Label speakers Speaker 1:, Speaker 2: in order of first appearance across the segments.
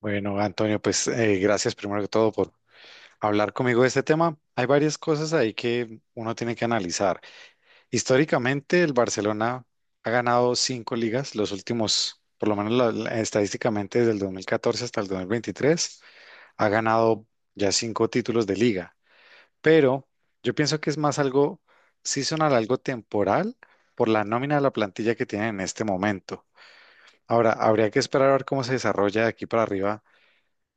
Speaker 1: Bueno, Antonio, pues gracias primero que todo por hablar conmigo de este tema. Hay varias cosas ahí que uno tiene que analizar. Históricamente, el Barcelona ha ganado cinco ligas, los últimos, por lo menos estadísticamente desde el 2014 hasta el 2023 ha ganado ya cinco títulos de liga. Pero yo pienso que es más algo seasonal, algo temporal, por la nómina de la plantilla que tienen en este momento. Ahora, habría que esperar a ver cómo se desarrolla de aquí para arriba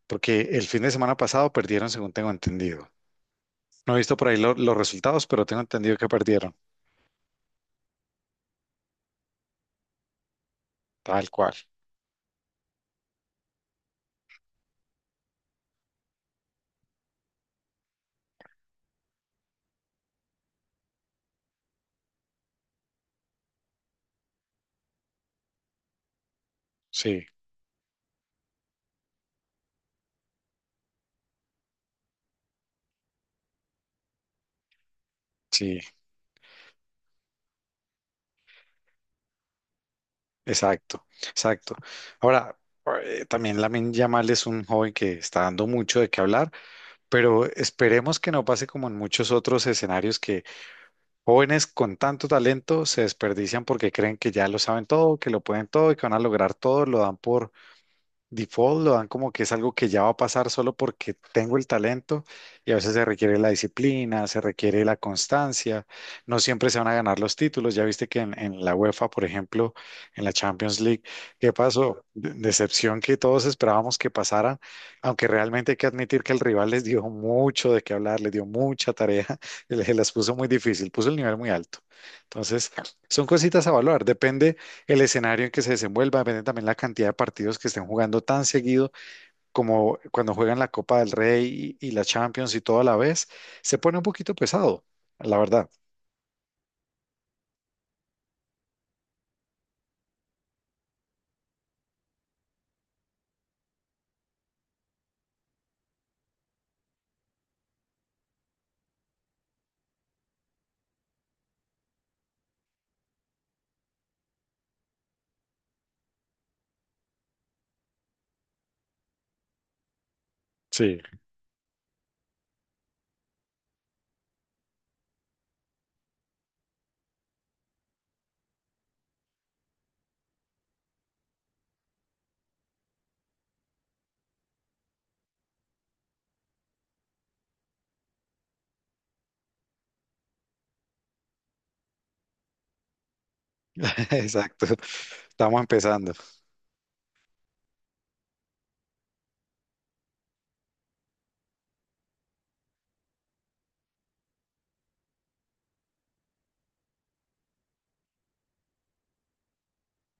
Speaker 1: porque el fin de semana pasado perdieron, según tengo entendido. No he visto por ahí los resultados, pero tengo entendido que perdieron. Tal cual. Sí, sí, exacto, exacto. Ahora, también Lamine Yamal es un joven que está dando mucho de qué hablar, pero esperemos que no pase como en muchos otros escenarios que jóvenes con tanto talento se desperdician porque creen que ya lo saben todo, que lo pueden todo y que van a lograr todo, lo dan por default, lo dan como que es algo que ya va a pasar solo porque tengo el talento y a veces se requiere la disciplina, se requiere la constancia, no siempre se van a ganar los títulos, ya viste que en la UEFA, por ejemplo, en la Champions League, ¿qué pasó? Decepción que todos esperábamos que pasara, aunque realmente hay que admitir que el rival les dio mucho de qué hablar, les dio mucha tarea, les las puso muy difícil, puso el nivel muy alto. Entonces, son cositas a evaluar, depende el escenario en que se desenvuelva, depende también la cantidad de partidos que estén jugando tan seguido como cuando juegan la Copa del Rey y la Champions y todo a la vez, se pone un poquito pesado, la verdad. Sí. Exacto. Estamos empezando.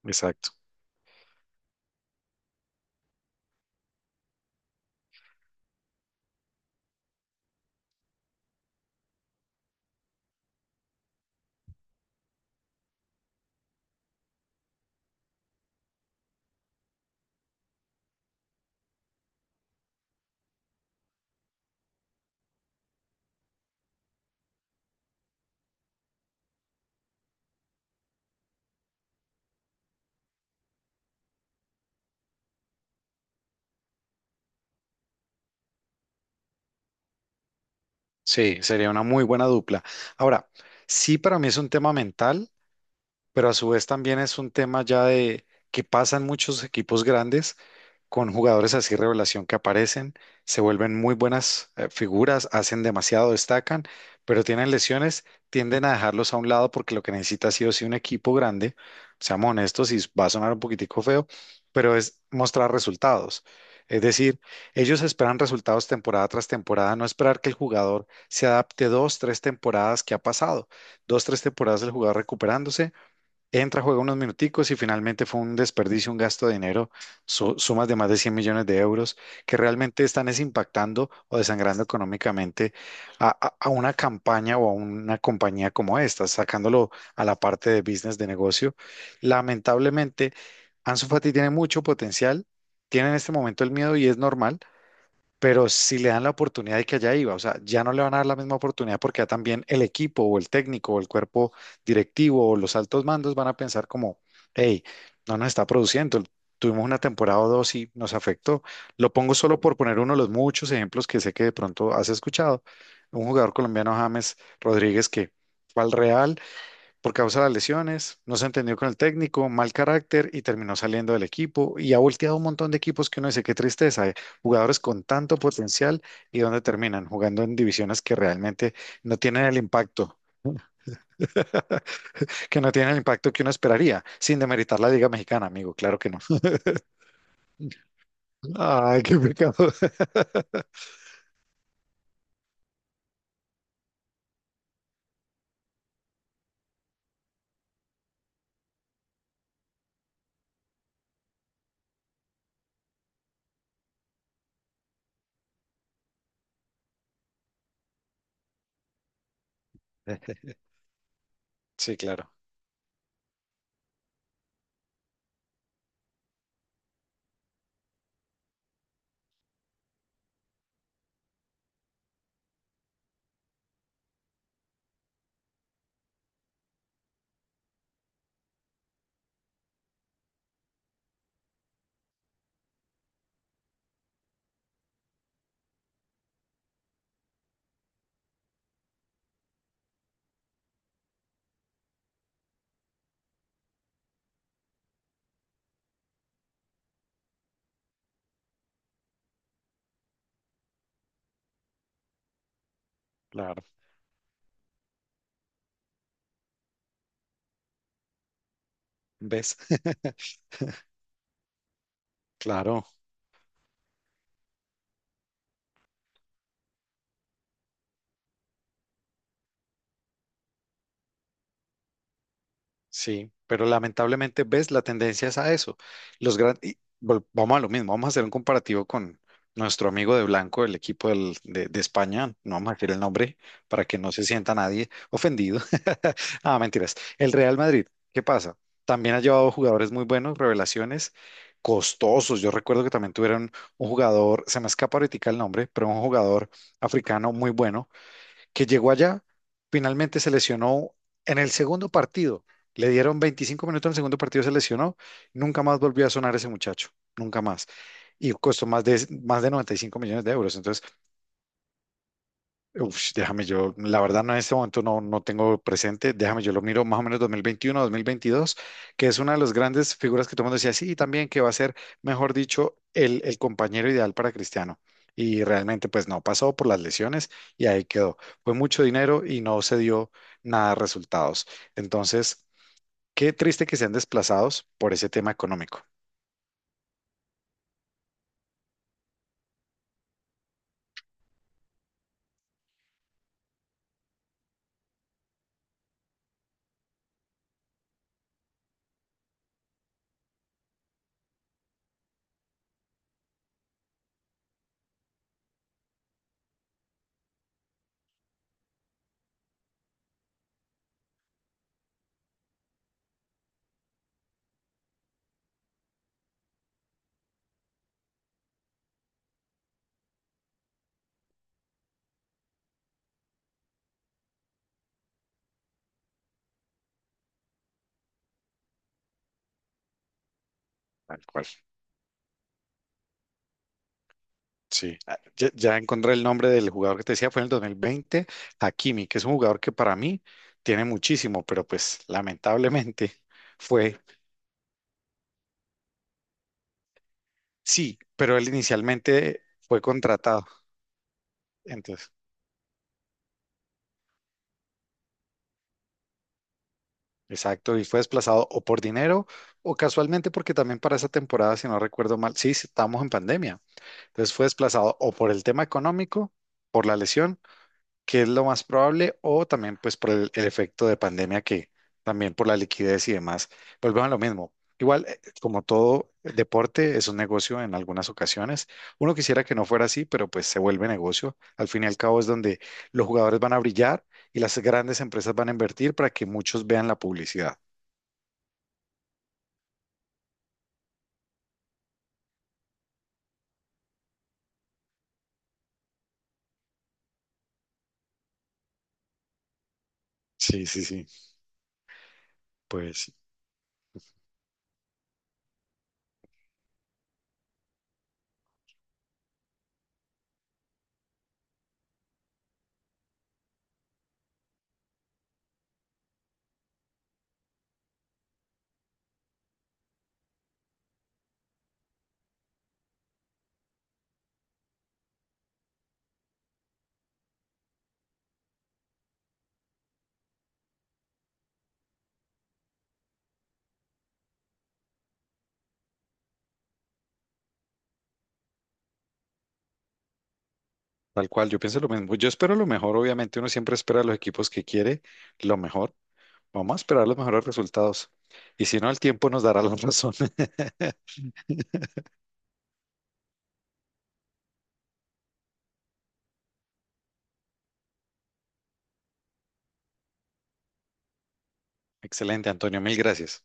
Speaker 1: Exacto. Sí, sería una muy buena dupla. Ahora, sí, para mí es un tema mental. Pero a su vez también es un tema ya de que pasan muchos equipos grandes con jugadores así revelación que aparecen, se vuelven muy buenas figuras, hacen demasiado, destacan, pero tienen lesiones, tienden a dejarlos a un lado porque lo que necesita sí o sí un equipo grande, seamos honestos y va a sonar un poquitico feo, pero es mostrar resultados. Es decir, ellos esperan resultados temporada tras temporada, no esperar que el jugador se adapte 2, 3 temporadas que ha pasado, 2, 3 temporadas del jugador recuperándose entra, juega unos minuticos y finalmente fue un desperdicio, un gasto de dinero, sumas de más de 100 millones de euros que realmente están es impactando o desangrando económicamente a una campaña o a una compañía como esta, sacándolo a la parte de business, de negocio. Lamentablemente, Ansu Fati tiene mucho potencial, tiene en este momento el miedo y es normal pero si le dan la oportunidad de que allá iba, o sea, ya no le van a dar la misma oportunidad porque ya también el equipo o el técnico o el cuerpo directivo o los altos mandos van a pensar como, hey, no nos está produciendo, tuvimos una temporada o dos y nos afectó. Lo pongo solo por poner uno de los muchos ejemplos que sé que de pronto has escuchado. Un jugador colombiano, James Rodríguez, que fue al Real por causa de las lesiones, no se entendió con el técnico, mal carácter y terminó saliendo del equipo y ha volteado un montón de equipos que uno dice, qué tristeza, jugadores con tanto potencial y dónde terminan jugando en divisiones que realmente no tienen el impacto, que no tienen el impacto que uno esperaría, sin demeritar la Liga Mexicana, amigo, claro que no. Ay, qué pecado. Sí, claro, claro. ¿Ves? Claro. Sí, pero lamentablemente, ves, la tendencia es a eso. Los gran... y vol- Vamos a lo mismo, vamos a hacer un comparativo con nuestro amigo de blanco, el equipo de España, no vamos a decir el nombre para que no se sienta nadie ofendido. Ah, mentiras. El Real Madrid, ¿qué pasa? También ha llevado jugadores muy buenos, revelaciones, costosos. Yo recuerdo que también tuvieron un jugador, se me escapa ahorita el nombre, pero un jugador africano muy bueno que llegó allá, finalmente se lesionó en el segundo partido. Le dieron 25 minutos en el segundo partido, se lesionó. Nunca más volvió a sonar ese muchacho, nunca más. Y costó más de 95 millones de euros. Entonces uf, déjame yo, la verdad no en este momento no tengo presente, déjame yo lo miro más o menos 2021, 2022, que es una de las grandes figuras que todo el mundo decía, sí, y también que va a ser, mejor dicho, el compañero ideal para Cristiano. Y realmente pues no, pasó por las lesiones y ahí quedó. Fue mucho dinero y no se dio nada de resultados. Entonces, qué triste que sean desplazados por ese tema económico. Tal cual. Sí, ah, ya, ya encontré el nombre del jugador que te decía, fue en el 2020, Hakimi, que es un jugador que para mí tiene muchísimo, pero pues lamentablemente fue, sí, pero él inicialmente fue contratado, entonces, exacto, y fue desplazado o por dinero o casualmente porque también para esa temporada, si no recuerdo mal, sí, sí, estábamos en pandemia, entonces fue desplazado o por el tema económico, por la lesión que es lo más probable, o también pues por el efecto de pandemia que también por la liquidez y demás, volvemos a lo mismo. Igual, como todo deporte, es un negocio en algunas ocasiones. Uno quisiera que no fuera así, pero pues se vuelve negocio. Al fin y al cabo es donde los jugadores van a brillar y las grandes empresas van a invertir para que muchos vean la publicidad. Sí, sí, sí. Pues tal cual, yo pienso lo mismo. Yo espero lo mejor, obviamente. Uno siempre espera a los equipos que quiere lo mejor, vamos a esperar los mejores resultados. Y si no, el tiempo nos dará la razón. Excelente, Antonio, mil gracias.